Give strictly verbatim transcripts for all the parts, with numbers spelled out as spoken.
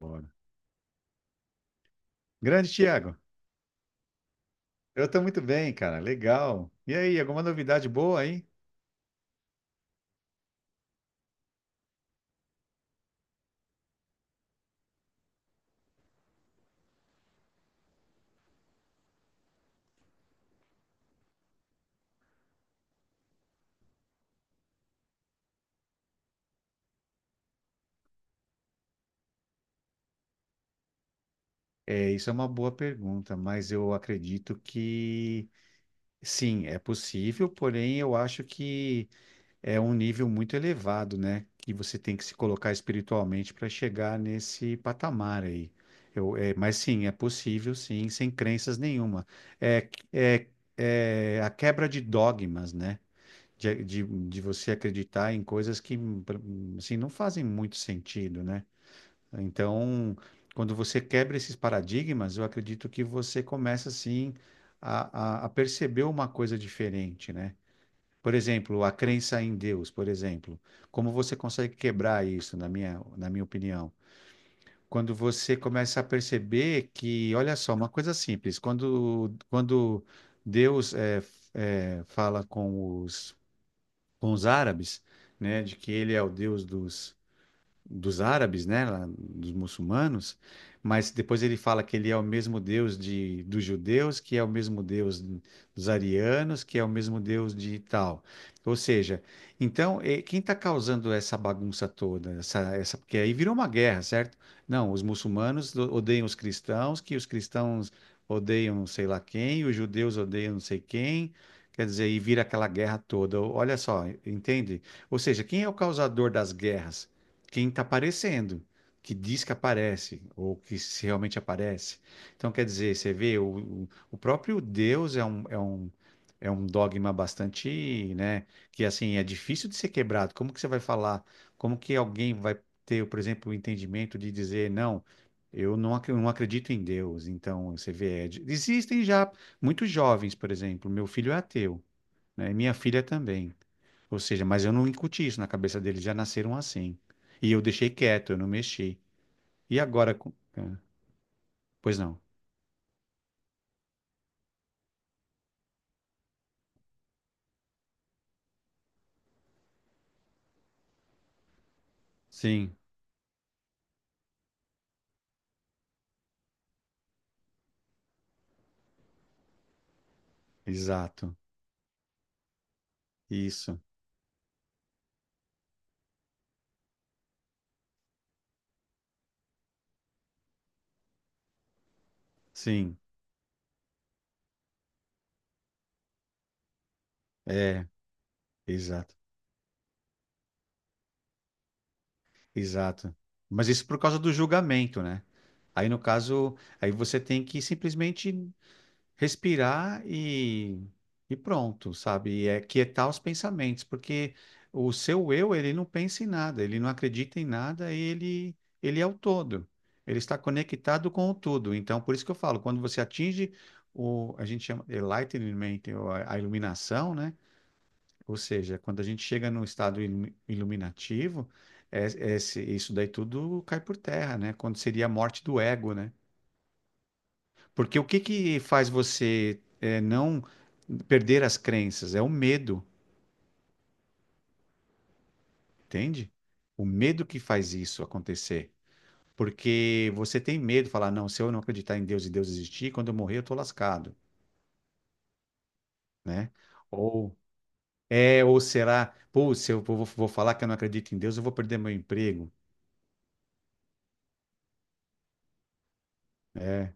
Bora. Grande Thiago. eu estou muito bem, cara. Legal. E aí, alguma novidade boa aí? É, isso é uma boa pergunta, mas eu acredito que sim, é possível, porém eu acho que é um nível muito elevado, né? Que você tem que se colocar espiritualmente para chegar nesse patamar aí. Eu, é, mas sim, é possível, sim, sem crenças nenhuma. É, é, é a quebra de dogmas, né? de, de, de você acreditar em coisas que assim, não fazem muito sentido, né? Então, quando você quebra esses paradigmas, eu acredito que você começa assim a, a, a perceber uma coisa diferente, né? Por exemplo, a crença em Deus, por exemplo. Como você consegue quebrar isso, na minha, na minha opinião? Quando você começa a perceber que, olha só, uma coisa simples, quando, quando Deus eh, f- eh, fala com os com os árabes, né, de que ele é o Deus dos dos árabes, né, lá, dos muçulmanos, mas depois ele fala que ele é o mesmo Deus de, dos judeus, que é o mesmo Deus dos arianos, que é o mesmo Deus de tal. Ou seja, então, eh, quem está causando essa bagunça toda? Essa, essa, porque aí virou uma guerra, certo? Não, os muçulmanos o- odeiam os cristãos, que os cristãos odeiam não sei lá quem, os judeus odeiam não sei quem. Quer dizer, e vira aquela guerra toda. Olha só, entende? Ou seja, quem é o causador das guerras? Quem está aparecendo, que diz que aparece, ou que se realmente aparece. Então, quer dizer, você vê, o, o o próprio Deus é um, é um, é um dogma bastante, né, que assim, é difícil de ser quebrado. Como que você vai falar? Como que alguém vai ter, por exemplo, o entendimento de dizer, não, eu não, ac- não acredito em Deus. Então, você vê, é de- existem já muitos jovens, por exemplo, meu filho é ateu, né, e minha filha também. Ou seja, mas eu não incuti isso na cabeça deles, já nasceram assim. E eu deixei quieto, eu não mexi. E agora. com- ah, Pois não. Sim, exato. Isso. Sim, é, exato, exato. Mas isso por causa do julgamento, né? Aí no caso, aí você tem que simplesmente respirar e, e pronto, sabe? E é quietar os pensamentos, porque o seu eu, ele não pensa em nada, ele não acredita em nada, ele, ele é o todo. Ele está conectado com o tudo. Então, por isso que eu falo, quando você atinge o, a gente chama enlightenment, ou a a iluminação, né? Ou seja, quando a gente chega num estado ilu- iluminativo, é- é esse- isso daí tudo cai por terra, né? Quando seria a morte do ego, né? Porque o que que faz você eh, não perder as crenças? É o medo, entende? O medo que faz isso acontecer. Porque você tem medo, falar, não, se eu não acreditar em Deus e Deus existir, quando eu morrer eu tô lascado, né? Ou é, ou será, pô, se eu vou, vou falar que eu não acredito em Deus, eu vou perder meu emprego. É,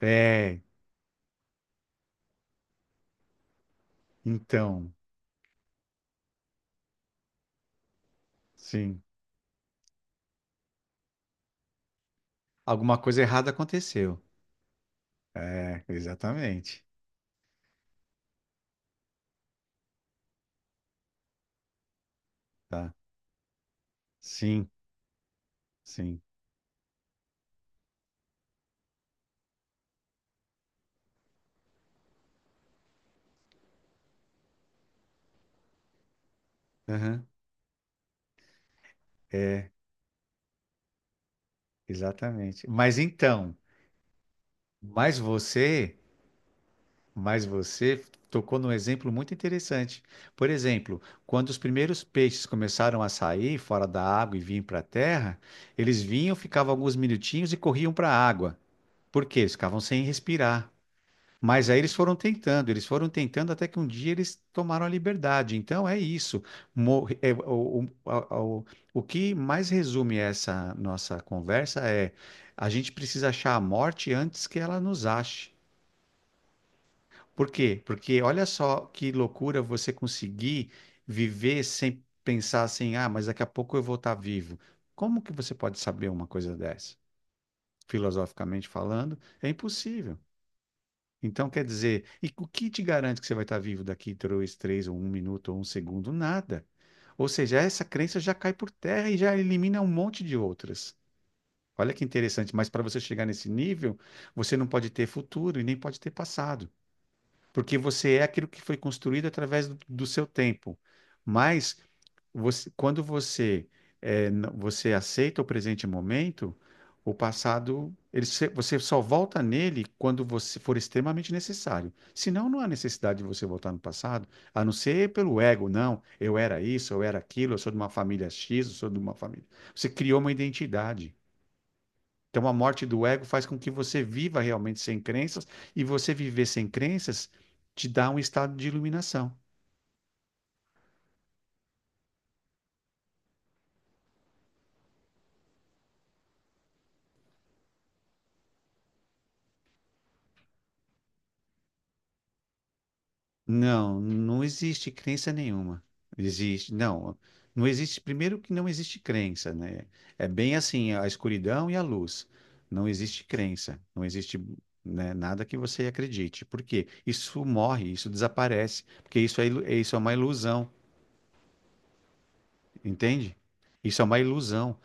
é, então, sim, alguma coisa errada aconteceu. É, exatamente, tá? Sim, sim. Aham. Exatamente. Mas então, mas você, mas você tocou num exemplo muito interessante. Por exemplo, quando os primeiros peixes começaram a sair fora da água e vinham para a terra, eles vinham, ficavam alguns minutinhos e corriam para a água. Por quê? Eles ficavam sem respirar. Mas aí eles foram tentando, eles foram tentando até que um dia eles tomaram a liberdade. Então é isso. Mor- é, o, o, a- o, o que mais resume essa nossa conversa é a gente precisa achar a morte antes que ela nos ache. Por quê? Porque olha só que loucura você conseguir viver sem pensar assim, ah, mas daqui a pouco eu vou estar vivo. Como que você pode saber uma coisa dessa? Filosoficamente falando, é impossível. Então, quer dizer, e o que te garante que você vai estar vivo daqui dois, três, ou um minuto, ou um segundo? Nada. Ou seja, essa crença já cai por terra e já elimina um monte de outras. Olha que interessante, mas para você chegar nesse nível, você não pode ter futuro e nem pode ter passado, porque você é aquilo que foi construído através do, do seu tempo. Mas você- quando você eh, n- você aceita o presente momento, o passado, ele se- você só volta nele quando você for extremamente necessário. Senão, não há necessidade de você voltar no passado, a não ser pelo ego, não, eu era isso, eu era aquilo, eu sou de uma família X, eu sou de uma família. Você criou uma identidade. Então, a morte do ego faz com que você viva realmente sem crenças, e você viver sem crenças te dá um estado de iluminação. Não, não existe crença nenhuma. Existe, não, não existe. Primeiro que não existe crença, né? É bem assim, a escuridão e a luz. Não existe crença, não existe, né, nada que você acredite. Por quê? Isso morre, isso desaparece, porque isso é, ilu- é, isso é uma ilusão, entende? Isso é uma ilusão.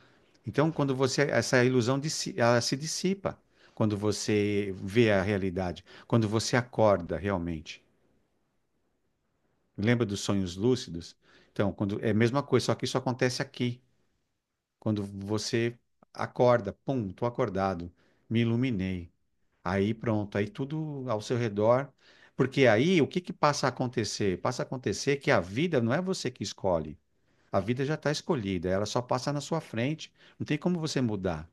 Então, quando você, essa ilusão dissi- ela se dissipa quando você vê a realidade, quando você acorda realmente. Lembra dos sonhos lúcidos? Então, quando é a mesma coisa, só que isso acontece aqui. Quando você acorda, pum, tô acordado, me iluminei. Aí pronto, aí tudo ao seu redor. Porque aí o que que passa a acontecer? Passa a acontecer que a vida não é você que escolhe. A vida já está escolhida, ela só passa na sua frente. Não tem como você mudar.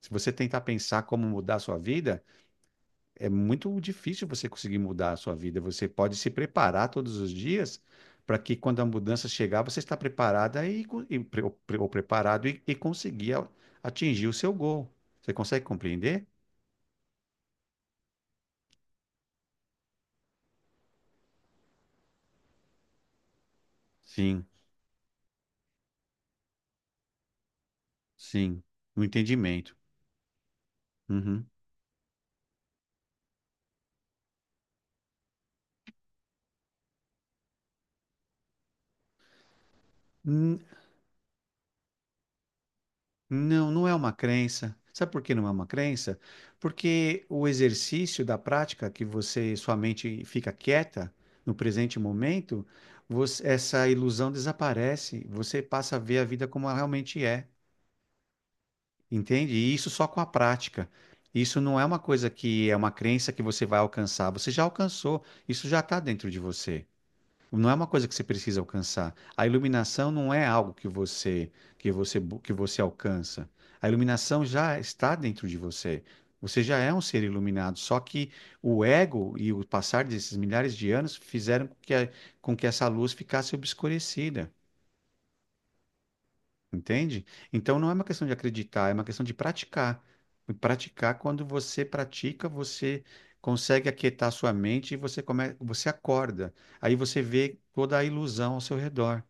Se você tentar pensar como mudar a sua vida, é muito difícil você conseguir mudar a sua vida. Você pode se preparar todos os dias para que quando a mudança chegar, você está preparada e, co- e pre- ou pre- ou preparado e, e conseguir a- atingir o seu gol. Você consegue compreender? Sim, sim, no entendimento. Uhum. Hum, não, não é uma crença. Sabe por que não é uma crença? Porque o exercício da prática, que você, sua mente fica quieta no presente momento, você- essa ilusão desaparece. Você passa a ver a vida como ela realmente é, entende? E isso só com a prática. Isso não é uma coisa que é uma crença que você vai alcançar. Você já alcançou. Isso já está dentro de você. Não é uma coisa que você precisa alcançar. A iluminação não é algo que você que você bu- que você alcança. A iluminação já está dentro de você. Você já é um ser iluminado, só que o ego e o passar desses milhares de anos fizeram com que, a- com que essa luz ficasse obscurecida, entende? Então não é uma questão de acreditar, é uma questão de praticar. E praticar, quando você pratica, você consegue aquietar sua mente e você come, você acorda. Aí você vê toda a ilusão ao seu redor.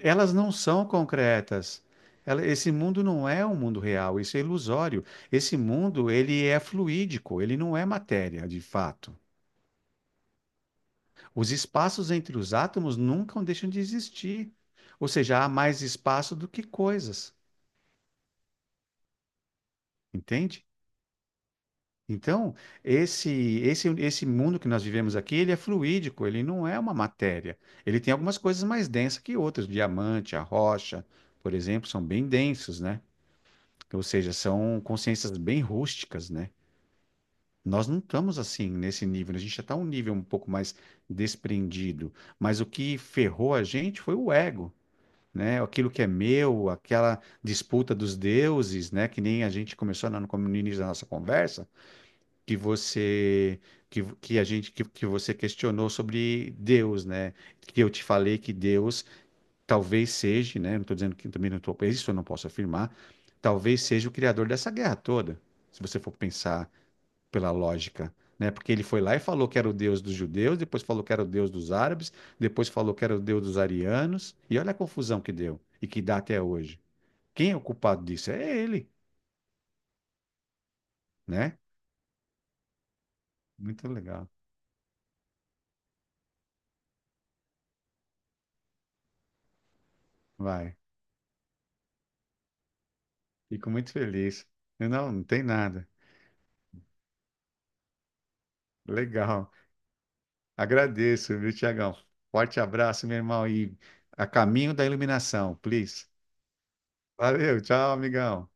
Elas não são concretas. Ela- esse mundo não é um mundo real, isso é ilusório. Esse mundo, ele é fluídico, ele não é matéria, de fato. Os espaços entre os átomos nunca deixam de existir. Ou seja, há mais espaço do que coisas, entende? Então, esse, esse, esse mundo que nós vivemos aqui, ele é fluídico, ele não é uma matéria. Ele tem algumas coisas mais densas que outras. O diamante, a rocha, por exemplo, são bem densos, né? Ou seja, são consciências bem rústicas, né? Nós não estamos assim nesse nível, a gente já está um nível um pouco mais desprendido, mas o que ferrou a gente foi o ego, né? Aquilo que é meu, aquela disputa dos deuses, né? Que nem a gente começou lá no no início da nossa conversa, que você que, que a gente que, que você questionou sobre Deus, né? Que eu te falei que Deus talvez seja, né? Não estou dizendo que também não estou, isso eu não posso afirmar, talvez seja o criador dessa guerra toda, se você for pensar pela lógica, né? Porque ele foi lá e falou que era o Deus dos judeus, depois falou que era o Deus dos árabes, depois falou que era o Deus dos arianos, e olha a confusão que deu e que dá até hoje. Quem é o culpado disso? É ele, né? Muito legal. Vai. Fico muito feliz. Não, não tem nada. Legal. Agradeço, viu, Tiagão? Forte abraço, meu irmão, e a caminho da iluminação, please. Valeu, tchau, amigão.